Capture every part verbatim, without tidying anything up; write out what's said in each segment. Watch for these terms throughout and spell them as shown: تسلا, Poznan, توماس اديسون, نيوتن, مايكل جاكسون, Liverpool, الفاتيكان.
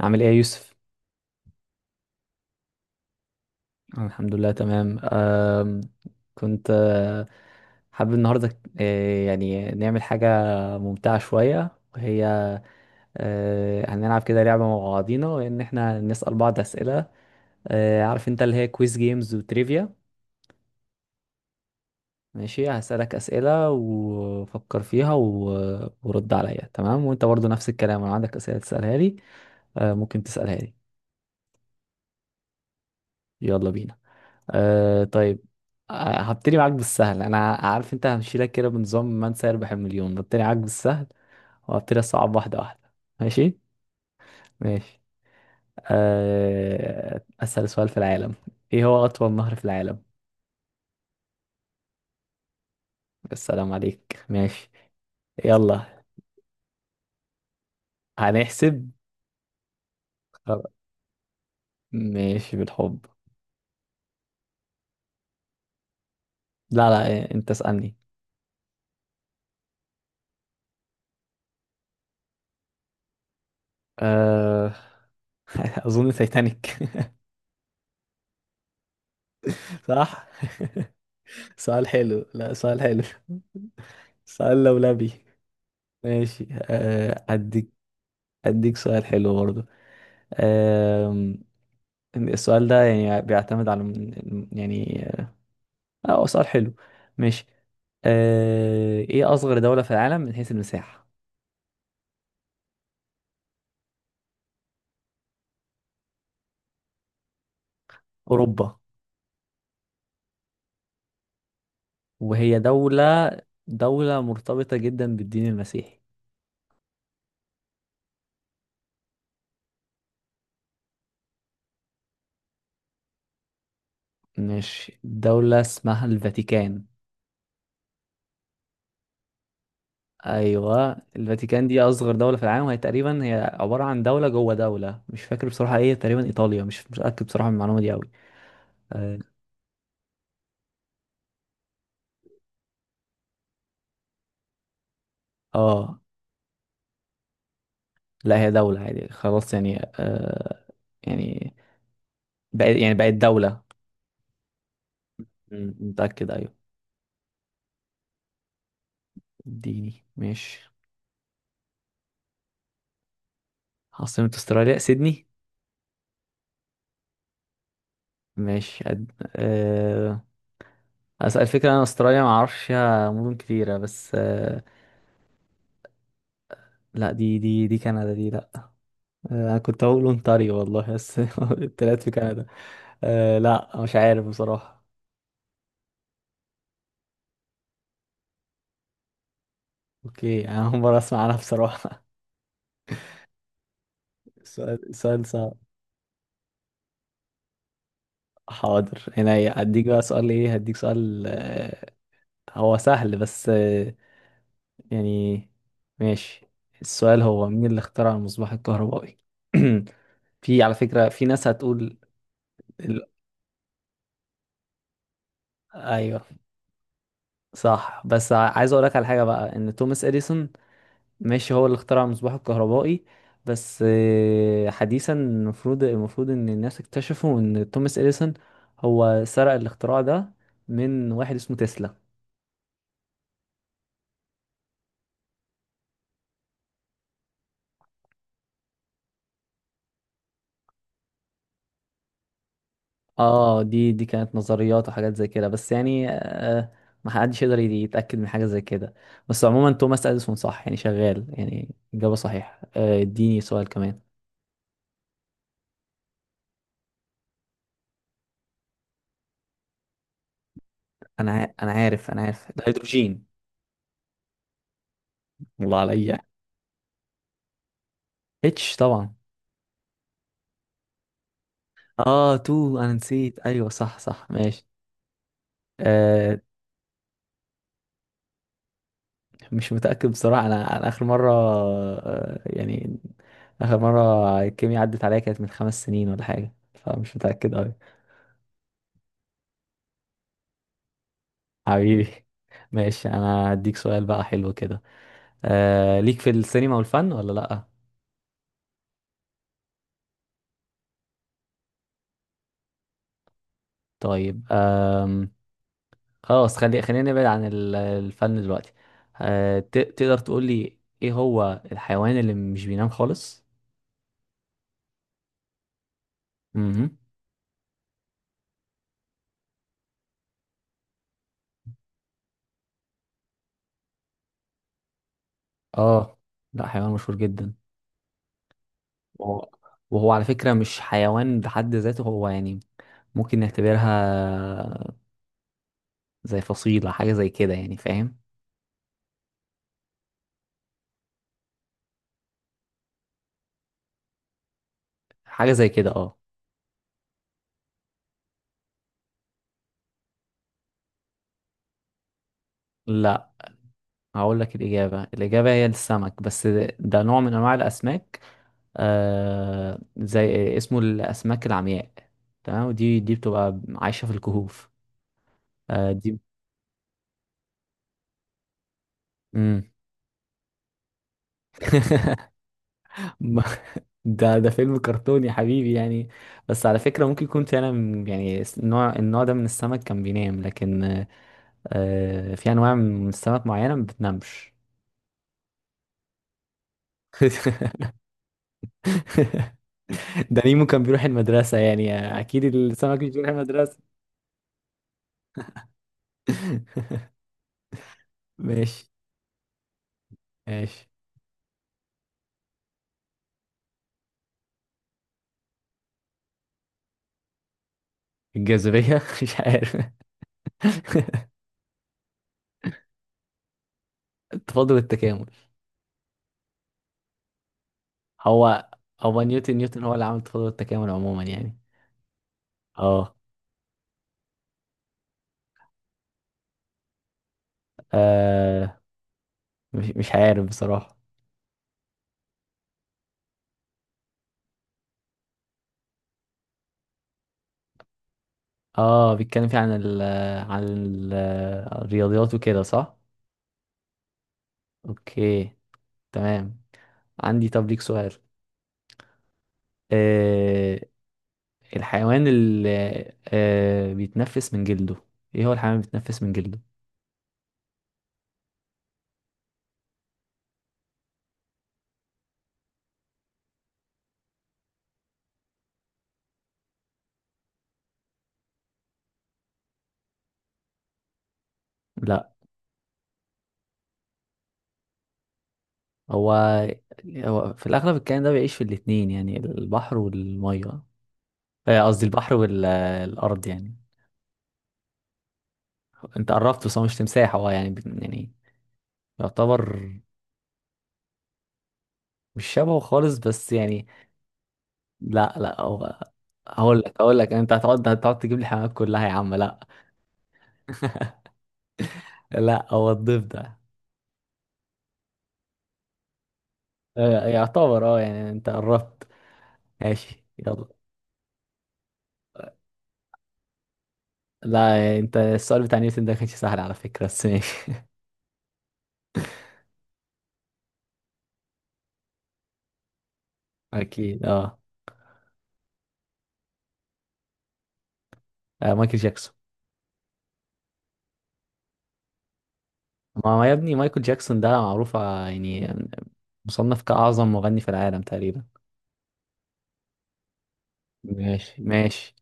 عامل ايه يا يوسف؟ أنا الحمد لله تمام. أم كنت آه، حابب النهارده، آه، يعني نعمل حاجة ممتعة شوية، وهي آه، هنلعب كده لعبة مع بعضينا، وإن احنا نسأل بعض أسئلة. آه، عارف انت اللي هي كويز جيمز وتريفيا. ماشي، هسألك أسئلة وفكر فيها و- ورد عليا، تمام، وانت برضو نفس الكلام، لو عندك أسئلة تسألها لي آه، ممكن تسألها لي. يلا بينا. أه طيب. أه هبتدي معاك بالسهل، انا عارف انت همشيلك كده بنظام من سيربح المليون، هبتدي معاك بالسهل وهبتدي اصعب واحده واحده. ماشي، ماشي. أه اسهل سؤال في العالم، ايه هو اطول نهر في العالم؟ السلام عليك، ماشي. يلا هنحسب. خلاص. ماشي بالحب. لا، لا، إيه، انت اسألني. أه اظن تايتانيك. صح. سؤال حلو، لا، سؤال حلو. سؤال لولبي. ماشي، أه أديك أديك سؤال حلو برضه. آم، السؤال ده يعني بيعتمد على من- يعني، اه هو سؤال حلو. ماشي. آه، ايه أصغر دولة في العالم من حيث المساحة؟ أوروبا. وهي دولة، دولة مرتبطة جدا بالدين المسيحي. ماشي، دولة اسمها الفاتيكان. أيوة، الفاتيكان دي أصغر دولة في العالم، وهي تقريبا هي عبارة عن دولة جوه دولة. مش فاكر بصراحة ايه، تقريبا إيطاليا، مش مش متأكد بصراحة من المعلومة دي أوي. اه. آه. لا، هي دولة عادي خلاص، يعني آه يعني بقت، يعني بقت دولة. م- متأكد، أيوة. اديني، ماشي. عاصمة استراليا سيدني. ماشي، أد... آه أسأل، الفكرة أنا استراليا معرفش فيها مدن كتيرة، بس آه لا، دي دي دي كندا دي، لا. آه أنا كنت هقول أونتاريو والله، بس التلات في كندا. آه لا، مش عارف بصراحة. أوكي، أنا أول مرة أسمع عنها بصراحة. سؤال، سؤال صعب. حاضر، هنا هديك بقى سؤال، إيه، هديك سؤال. آه، هو سهل، بس آه، يعني ماشي، السؤال هو مين اللي اخترع المصباح الكهربائي؟ في، على فكرة، في ناس هتقول. ال... ايوه، صح، بس ع- عايز اقول لك على حاجة بقى، ان توماس اديسون، ماشي، هو اللي اخترع المصباح الكهربائي. بس آه، حديثا، المفروض، المفروض ان الناس اكتشفوا ان توماس اديسون هو سرق الاختراع ده من واحد اسمه تسلا. اه، دي دي كانت نظريات وحاجات زي كده، بس يعني آه ما حدش يقدر يت- يتأكد من حاجة زي كده. بس عموما، توماس اديسون صح، يعني شغال، يعني إجابة صحيحة. آه، اديني سؤال كمان. انا ع- انا عارف انا عارف الهيدروجين. والله عليا. اتش طبعا. اه تو، انا نسيت. ايوه، صح، صح، ماشي. آه مش متأكد بصراحة، انا انا اخر مرة، آه يعني اخر مرة الكيمياء عدت عليا كانت من خمس سنين ولا حاجة، فمش متأكد أوي. حبيبي. ماشي، انا اديك سؤال بقى حلو كده. آه ليك في السينما والفن ولا لا؟ طيب، آم، خلاص، خلي خلينا نبعد عن ال- الفن دلوقتي. آه ت- تقدر تقول لي ايه هو الحيوان اللي مش بينام خالص؟ امم. اه، لا، حيوان مشهور جدا. وهو وهو على فكرة مش حيوان بحد ذاته، هو يعني ممكن نعتبرها زي فصيلة، حاجة زي كده، يعني فاهم. حاجة زي كده، اه. لا، هقول لك الإجابة. الإجابة هي السمك، بس ده ده نوع من أنواع الأسماك. آه زي اسمه الأسماك العمياء. تمام، ودي، دي بتبقى عايشة في الكهوف. آه دي. مم. ما- ده ده فيلم كرتون يا حبيبي، يعني. بس على فكرة ممكن يكون فعلا، يعني اس- النوع، النوع ده من السمك كان بينام، لكن آه في أنواع من السمك معينة ما بتنامش. ده نيمو كان بيروح المدرسة، يعني أكيد السمك مش بيروح المدرسة. ماشي، ماشي. الجاذبية. مش عارف. التفاضل والتكامل. هو هو نيوتن، نيوتن هو اللي عمل التفاضل والتكامل عموما، يعني اه. آه، مش مش عارف بصراحة. اه، بيتكلم فيه عن ال عن ال الرياضيات وكده، صح؟ اوكي، تمام. عندي، طب ليك سؤال. آه الحيوان اللي آه بيتنفس من جلده، ايه هو الحيوان اللي بيتنفس من جلده؟ لا، هو هو في الأغلب الكائن ده بيعيش في الاتنين، يعني البحر والمية، آه، قصدي البحر والأرض، يعني. أنت قربت، بس هو مش تمساح، هو يعني، يعني يعتبر، مش شبهه خالص، بس يعني. لا، لا، هو هقول لك، هقول لك، أنت هتقعد، هتقعد تجيب لي حيوانات كلها يا عم، لا. لا، هو الضيف ده. آه، يعتبر، اه يعني، أنت قربت. ماشي، يلا. لا، أنت السؤال بتاع نيوتن ده كانش سهل على فكرة، بس ماشي. أكيد، اه. آه، مايكل جاكسون. ما هو يا ابني مايكل جاكسون ده معروف، ع- يعني مصنف كأعظم مغني في العالم تقريبا. ماشي، ماشي.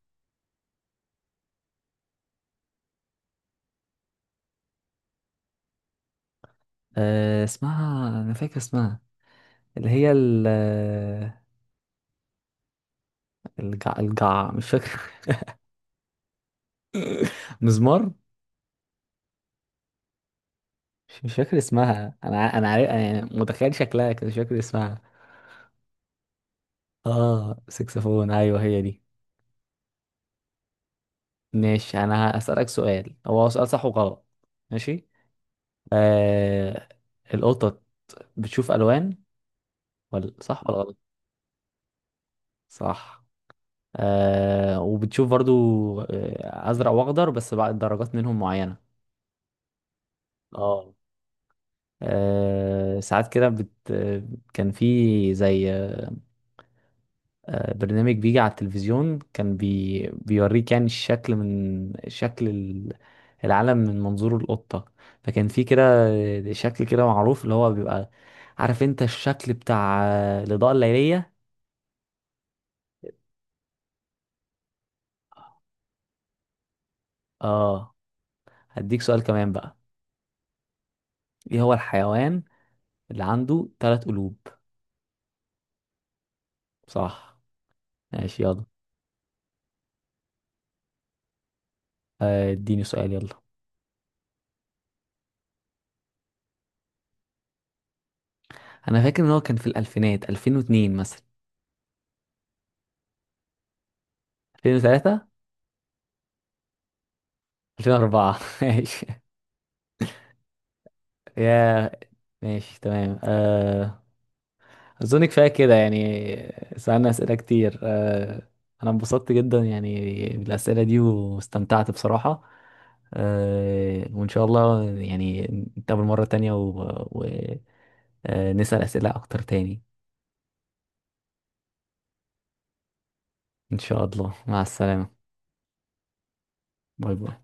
أه اسمها، أنا فاكر اسمها، اللي هي ال آه، الجع، الجع مش فاكر. مزمار. مش مش فاكر اسمها، أنا ع- أنا عارف، أنا يعني متخيل شكلها كده، مش فاكر اسمها. آه سكسفون، أيوه هي دي. ماشي، أنا هسألك سؤال، هو سؤال صح وغلط. ماشي. أه القطط بتشوف ألوان، ولا صح ولا غلط؟ صح. آه وبتشوف برضو آه ازرق واخضر، بس بعد درجات منهم معينه. اه. آه ساعات كده بت... آه، كان في زي آه برنامج بيجي على التلفزيون، كان بي... بيوريك يعني الشكل، من شكل ال- العالم من منظور القطة. فكان في كده آه، شكل كده معروف، اللي هو بيبقى، عارف انت الشكل بتاع آه، الإضاءة الليلية. اه، هديك سؤال كمان بقى. ايه هو الحيوان اللي عنده ثلاث قلوب؟ صح. ماشي، يلا. آه، اديني سؤال يلا. انا فاكر ان هو كان في الالفينات، ألفين واثنين مثلا. ألفين وتلاتة. ألفين واربعة. ماشي يا ماشي، تمام. آه، اظن كفايه كده، يعني سألنا اسئله كتير. آه، انا انبسطت جدا يعني بالاسئله دي، واستمتعت بصراحه. آه، وان شاء الله يعني نتقابل مره تانية، ونسال اسئله اكتر تاني. ان شاء الله، مع السلامه. باي باي.